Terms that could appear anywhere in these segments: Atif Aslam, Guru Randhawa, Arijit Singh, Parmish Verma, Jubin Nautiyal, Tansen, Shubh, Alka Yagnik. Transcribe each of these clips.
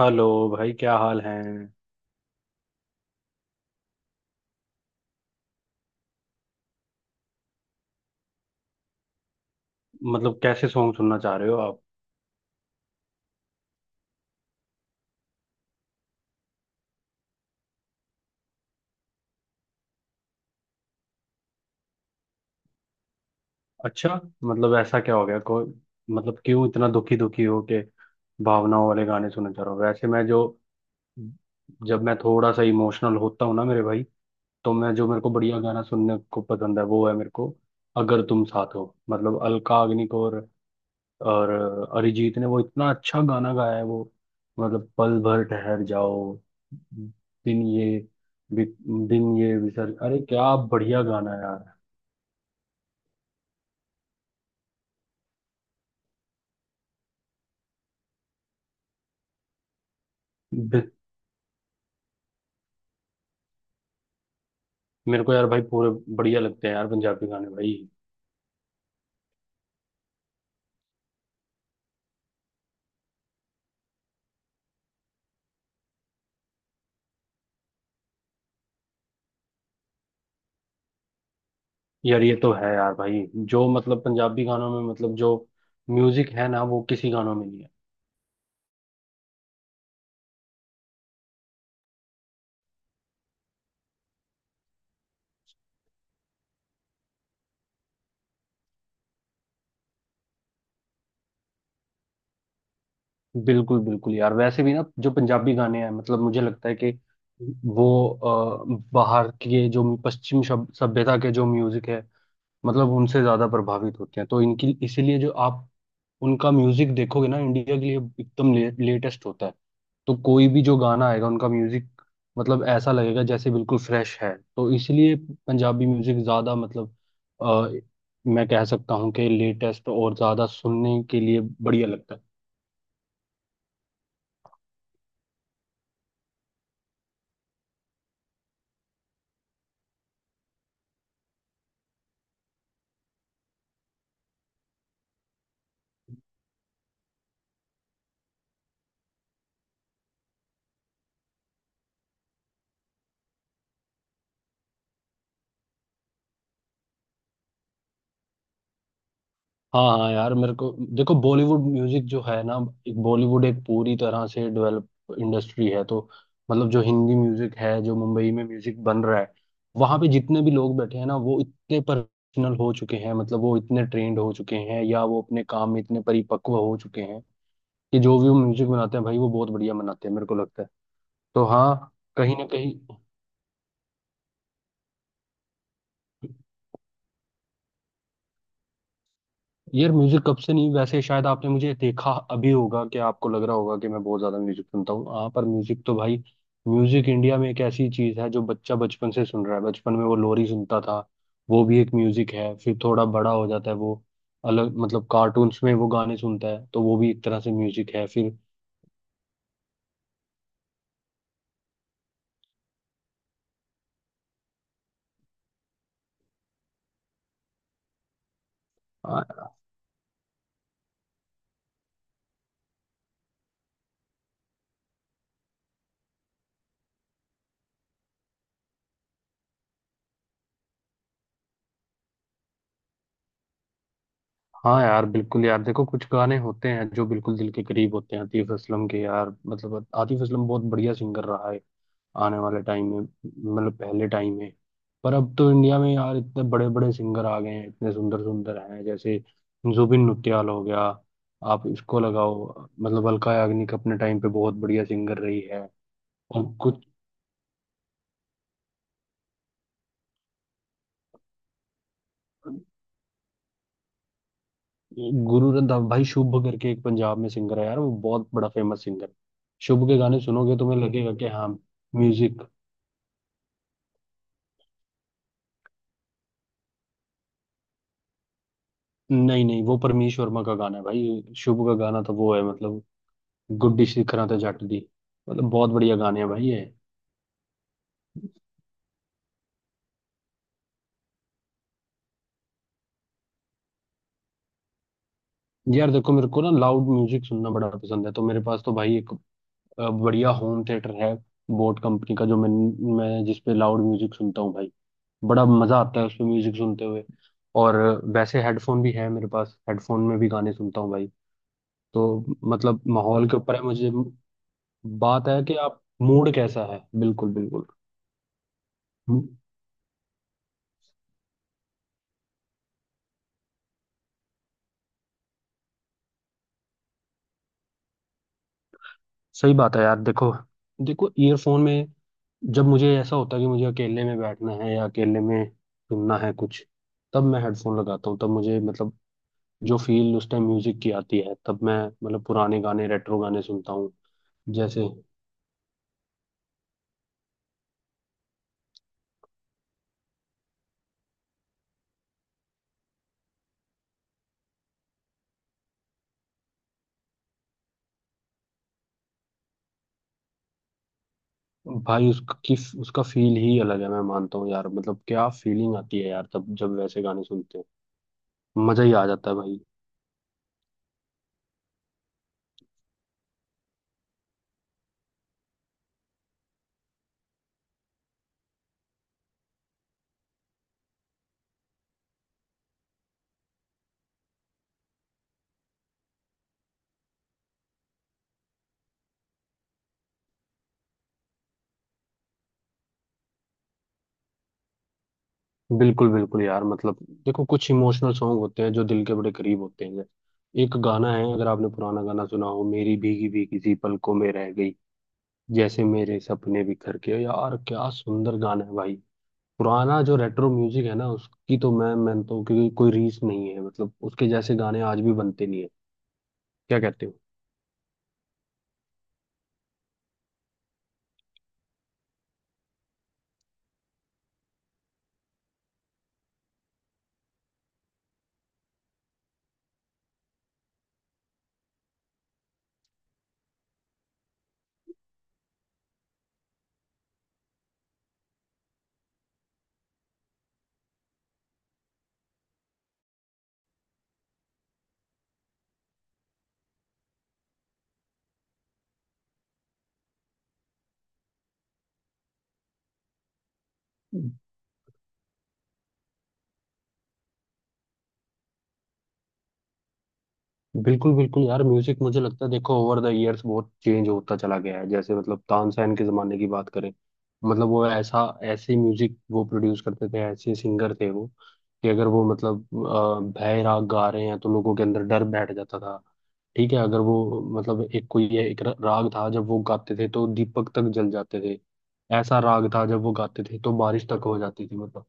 Hello. भाई क्या हाल है। मतलब कैसे सॉन्ग सुनना चाह रहे हो आप? अच्छा। मतलब ऐसा क्या हो गया, कोई? मतलब क्यों इतना दुखी दुखी हो के भावनाओं वाले गाने सुनना चाह रहा हूँ? वैसे मैं जो जब मैं थोड़ा सा इमोशनल होता हूँ ना मेरे भाई, तो मैं जो मेरे को बढ़िया गाना सुनने को पसंद है वो है मेरे को अगर तुम साथ हो। मतलब अलका अग्निक और अरिजीत ने वो इतना अच्छा गाना गाया है। वो मतलब पल भर ठहर जाओ, दिन ये, बि- दिन ये विसर, अरे क्या बढ़िया गाना है यार। बि- मेरे को यार भाई पूरे बढ़िया लगते हैं यार पंजाबी गाने भाई। यार ये तो है यार भाई, जो मतलब पंजाबी गानों में मतलब जो म्यूजिक है ना वो किसी गानों में नहीं है। बिल्कुल बिल्कुल यार, वैसे भी ना जो पंजाबी गाने हैं, मतलब मुझे लगता है कि वो बाहर के जो पश्चिम सभ्यता के जो म्यूजिक है मतलब उनसे ज्यादा प्रभावित होती हैं, तो इनकी इसीलिए जो आप उनका म्यूजिक देखोगे ना इंडिया के लिए एकदम लेटेस्ट होता है। तो कोई भी जो गाना आएगा उनका म्यूजिक मतलब ऐसा लगेगा जैसे बिल्कुल फ्रेश है, तो इसलिए पंजाबी म्यूजिक ज्यादा मतलब अ, मैं कह सकता हूँ कि लेटेस्ट और ज्यादा सुनने के लिए बढ़िया लगता है। हाँ हाँ यार, मेरे को देखो बॉलीवुड म्यूजिक जो है ना, एक बॉलीवुड एक पूरी तरह से डेवलप इंडस्ट्री है, तो मतलब जो हिंदी म्यूजिक है, जो मुंबई में म्यूजिक बन रहा है, वहां पे जितने भी लोग बैठे हैं ना वो इतने प्रोफेशनल हो चुके हैं, मतलब वो इतने ट्रेंड हो चुके हैं या वो अपने काम में इतने परिपक्व हो चुके हैं कि जो भी वो म्यूजिक बनाते हैं भाई वो बहुत बढ़िया बनाते हैं, मेरे को लगता है। तो हाँ, कहीं ना कहीं यार म्यूजिक कब से नहीं, वैसे शायद आपने मुझे देखा अभी होगा कि आपको लग रहा होगा कि मैं बहुत ज्यादा म्यूजिक सुनता हूँ। हाँ, पर म्यूजिक तो भाई म्यूजिक इंडिया में एक ऐसी चीज है जो बच्चा बचपन से सुन रहा है। बचपन में वो लोरी सुनता था, वो भी एक म्यूजिक है। फिर थोड़ा बड़ा हो जाता है वो, अलग मतलब कार्टून्स में वो गाने सुनता है, तो वो भी एक तरह से म्यूजिक है। फिर आ, हाँ यार बिल्कुल यार, देखो कुछ गाने होते हैं जो बिल्कुल दिल के करीब होते हैं। आतिफ असलम के यार मतलब आतिफ असलम बहुत बढ़िया सिंगर रहा है, आने वाले टाइम में मतलब पहले टाइम में। पर अब तो इंडिया में यार इतने बड़े बड़े सिंगर आ गए हैं, इतने सुंदर सुंदर हैं। जैसे जुबिन नौटियाल हो गया, आप इसको लगाओ, मतलब अलका याग्निक अपने टाइम पे बहुत बढ़िया सिंगर रही है और कुछ। गुरु रंधावा, भाई शुभ करके एक पंजाब में सिंगर है यार, वो बहुत बड़ा फेमस सिंगर है। शुभ के गाने सुनोगे तुम्हें लगेगा कि हाँ म्यूजिक। नहीं नहीं, वो परमीश वर्मा का गाना है भाई। शुभ का गाना तो वो है मतलब गुड्डी शिखरा ते जट दी। मतलब बहुत बढ़िया गाने हैं भाई ये। यार देखो मेरे को ना लाउड म्यूजिक सुनना बड़ा पसंद है, तो मेरे पास तो भाई एक बढ़िया होम थिएटर है, बोट कंपनी का, जो मैं जिस पे लाउड म्यूजिक सुनता हूँ भाई। बड़ा मजा आता है उस पे म्यूजिक सुनते हुए। और वैसे हेडफोन भी है मेरे पास, हेडफोन में भी गाने सुनता हूँ भाई। तो मतलब माहौल के ऊपर है मुझे। बात है कि आप मूड कैसा है। बिल्कुल बिल्कुल, सही बात है यार। देखो, देखो ईयरफोन में जब मुझे ऐसा होता है कि मुझे अकेले में बैठना है या अकेले में सुनना है कुछ, तब मैं हेडफोन लगाता हूँ। तब मुझे मतलब जो फील उस टाइम म्यूजिक की आती है, तब मैं मतलब पुराने गाने रेट्रो गाने सुनता हूँ। जैसे भाई उसकी, उसका फील ही अलग है, मैं मानता हूँ यार। मतलब क्या फीलिंग आती है यार, तब जब वैसे गाने सुनते हैं। मजा ही आ जाता है भाई। बिल्कुल बिल्कुल यार, मतलब देखो कुछ इमोशनल सॉन्ग होते हैं जो दिल के बड़े करीब होते हैं। एक गाना है, अगर आपने पुराना गाना सुना हो, मेरी भीगी भीगी सी पलकों में रह गई जैसे मेरे सपने बिखर के, यार क्या सुंदर गाना है भाई। पुराना जो रेट्रो म्यूजिक है ना उसकी तो मैं तो क्योंकि कोई रीस नहीं है, मतलब उसके जैसे गाने आज भी बनते नहीं है। क्या कहते हो। बिल्कुल बिल्कुल यार, म्यूजिक मुझे लगता है, देखो ओवर द इयर्स बहुत चेंज होता चला गया है। जैसे मतलब तानसेन के जमाने की बात करें, मतलब वो ऐसा, ऐसे म्यूजिक वो प्रोड्यूस करते थे, ऐसे सिंगर थे वो, कि अगर वो मतलब भय राग गा रहे हैं तो लोगों के अंदर डर बैठ जाता था। ठीक है, अगर वो मतलब एक कोई ये एक राग था जब वो गाते थे तो दीपक तक जल जाते थे। ऐसा राग था जब वो गाते थे तो बारिश तक हो जाती थी मतलब।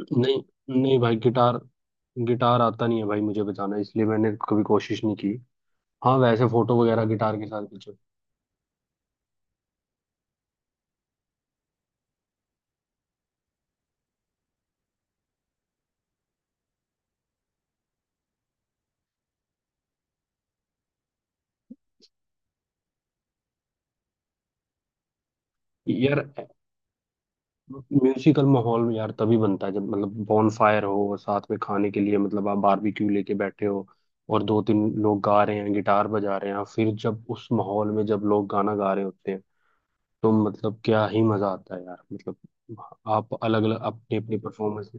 नहीं नहीं भाई, गिटार, गिटार आता नहीं है भाई मुझे बजाना, इसलिए मैंने कभी कोशिश नहीं की। हाँ वैसे फोटो वगैरह गिटार के साथ खींचो। यार म्यूजिकल माहौल में यार तभी बनता है जब मतलब बॉन फायर हो और साथ में खाने के लिए मतलब आप बारबेक्यू लेके बैठे हो और दो तीन लोग गा रहे हैं, गिटार बजा रहे हैं। फिर जब उस माहौल में जब लोग गाना गा रहे होते हैं, तो मतलब क्या ही मजा आता है यार। मतलब आप अलग अलग अपनी अपनी परफॉर्मेंस।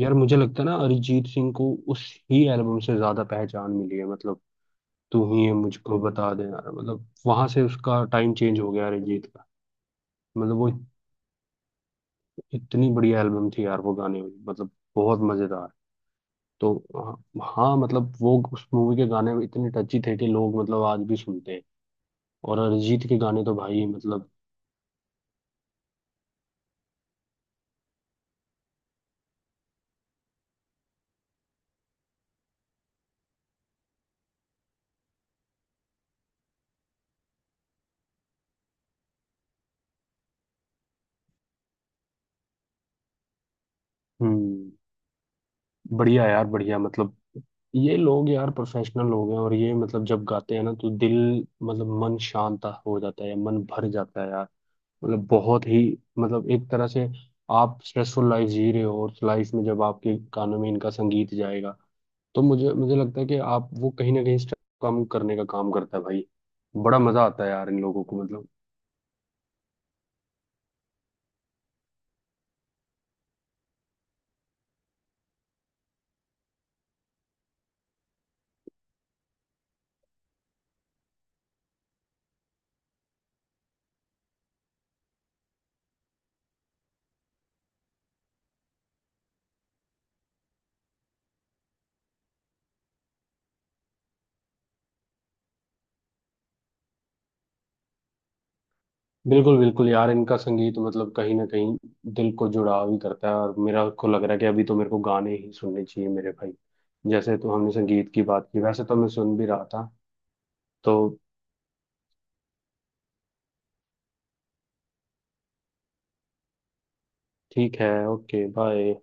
यार मुझे लगता है ना अरिजीत सिंह को उस ही एल्बम से ज्यादा पहचान मिली है। मतलब तू ही है मुझको बता दे, यार मतलब वहां से उसका टाइम चेंज हो गया अरिजीत का। मतलब वो इतनी बढ़िया एल्बम थी यार, वो गाने मतलब बहुत मजेदार। तो हाँ, हाँ, मतलब वो उस मूवी के गाने इतने टची थे कि लोग मतलब आज भी सुनते हैं। और अरिजीत के गाने तो भाई मतलब। हम्म, बढ़िया यार बढ़िया। मतलब ये लोग यार प्रोफेशनल लोग हैं, और ये मतलब जब गाते हैं ना तो दिल, मतलब मन शांत हो जाता है, मन भर जाता है यार। मतलब बहुत ही, मतलब एक तरह से आप स्ट्रेसफुल लाइफ जी रहे हो, और लाइफ में जब आपके कानों में इनका संगीत जाएगा, तो मुझे मुझे लगता है कि आप वो कहीं ना कहीं स्ट्रेस कम करने का काम करता है भाई। बड़ा मजा आता है यार इन लोगों को मतलब। बिल्कुल बिल्कुल यार, इनका संगीत मतलब कहीं ना कहीं दिल को जुड़ाव ही करता है। और मेरा को लग रहा है कि अभी तो मेरे को गाने ही सुनने चाहिए मेरे भाई। जैसे तो हमने संगीत की बात की, वैसे तो मैं सुन भी रहा था। तो ठीक है, ओके बाय।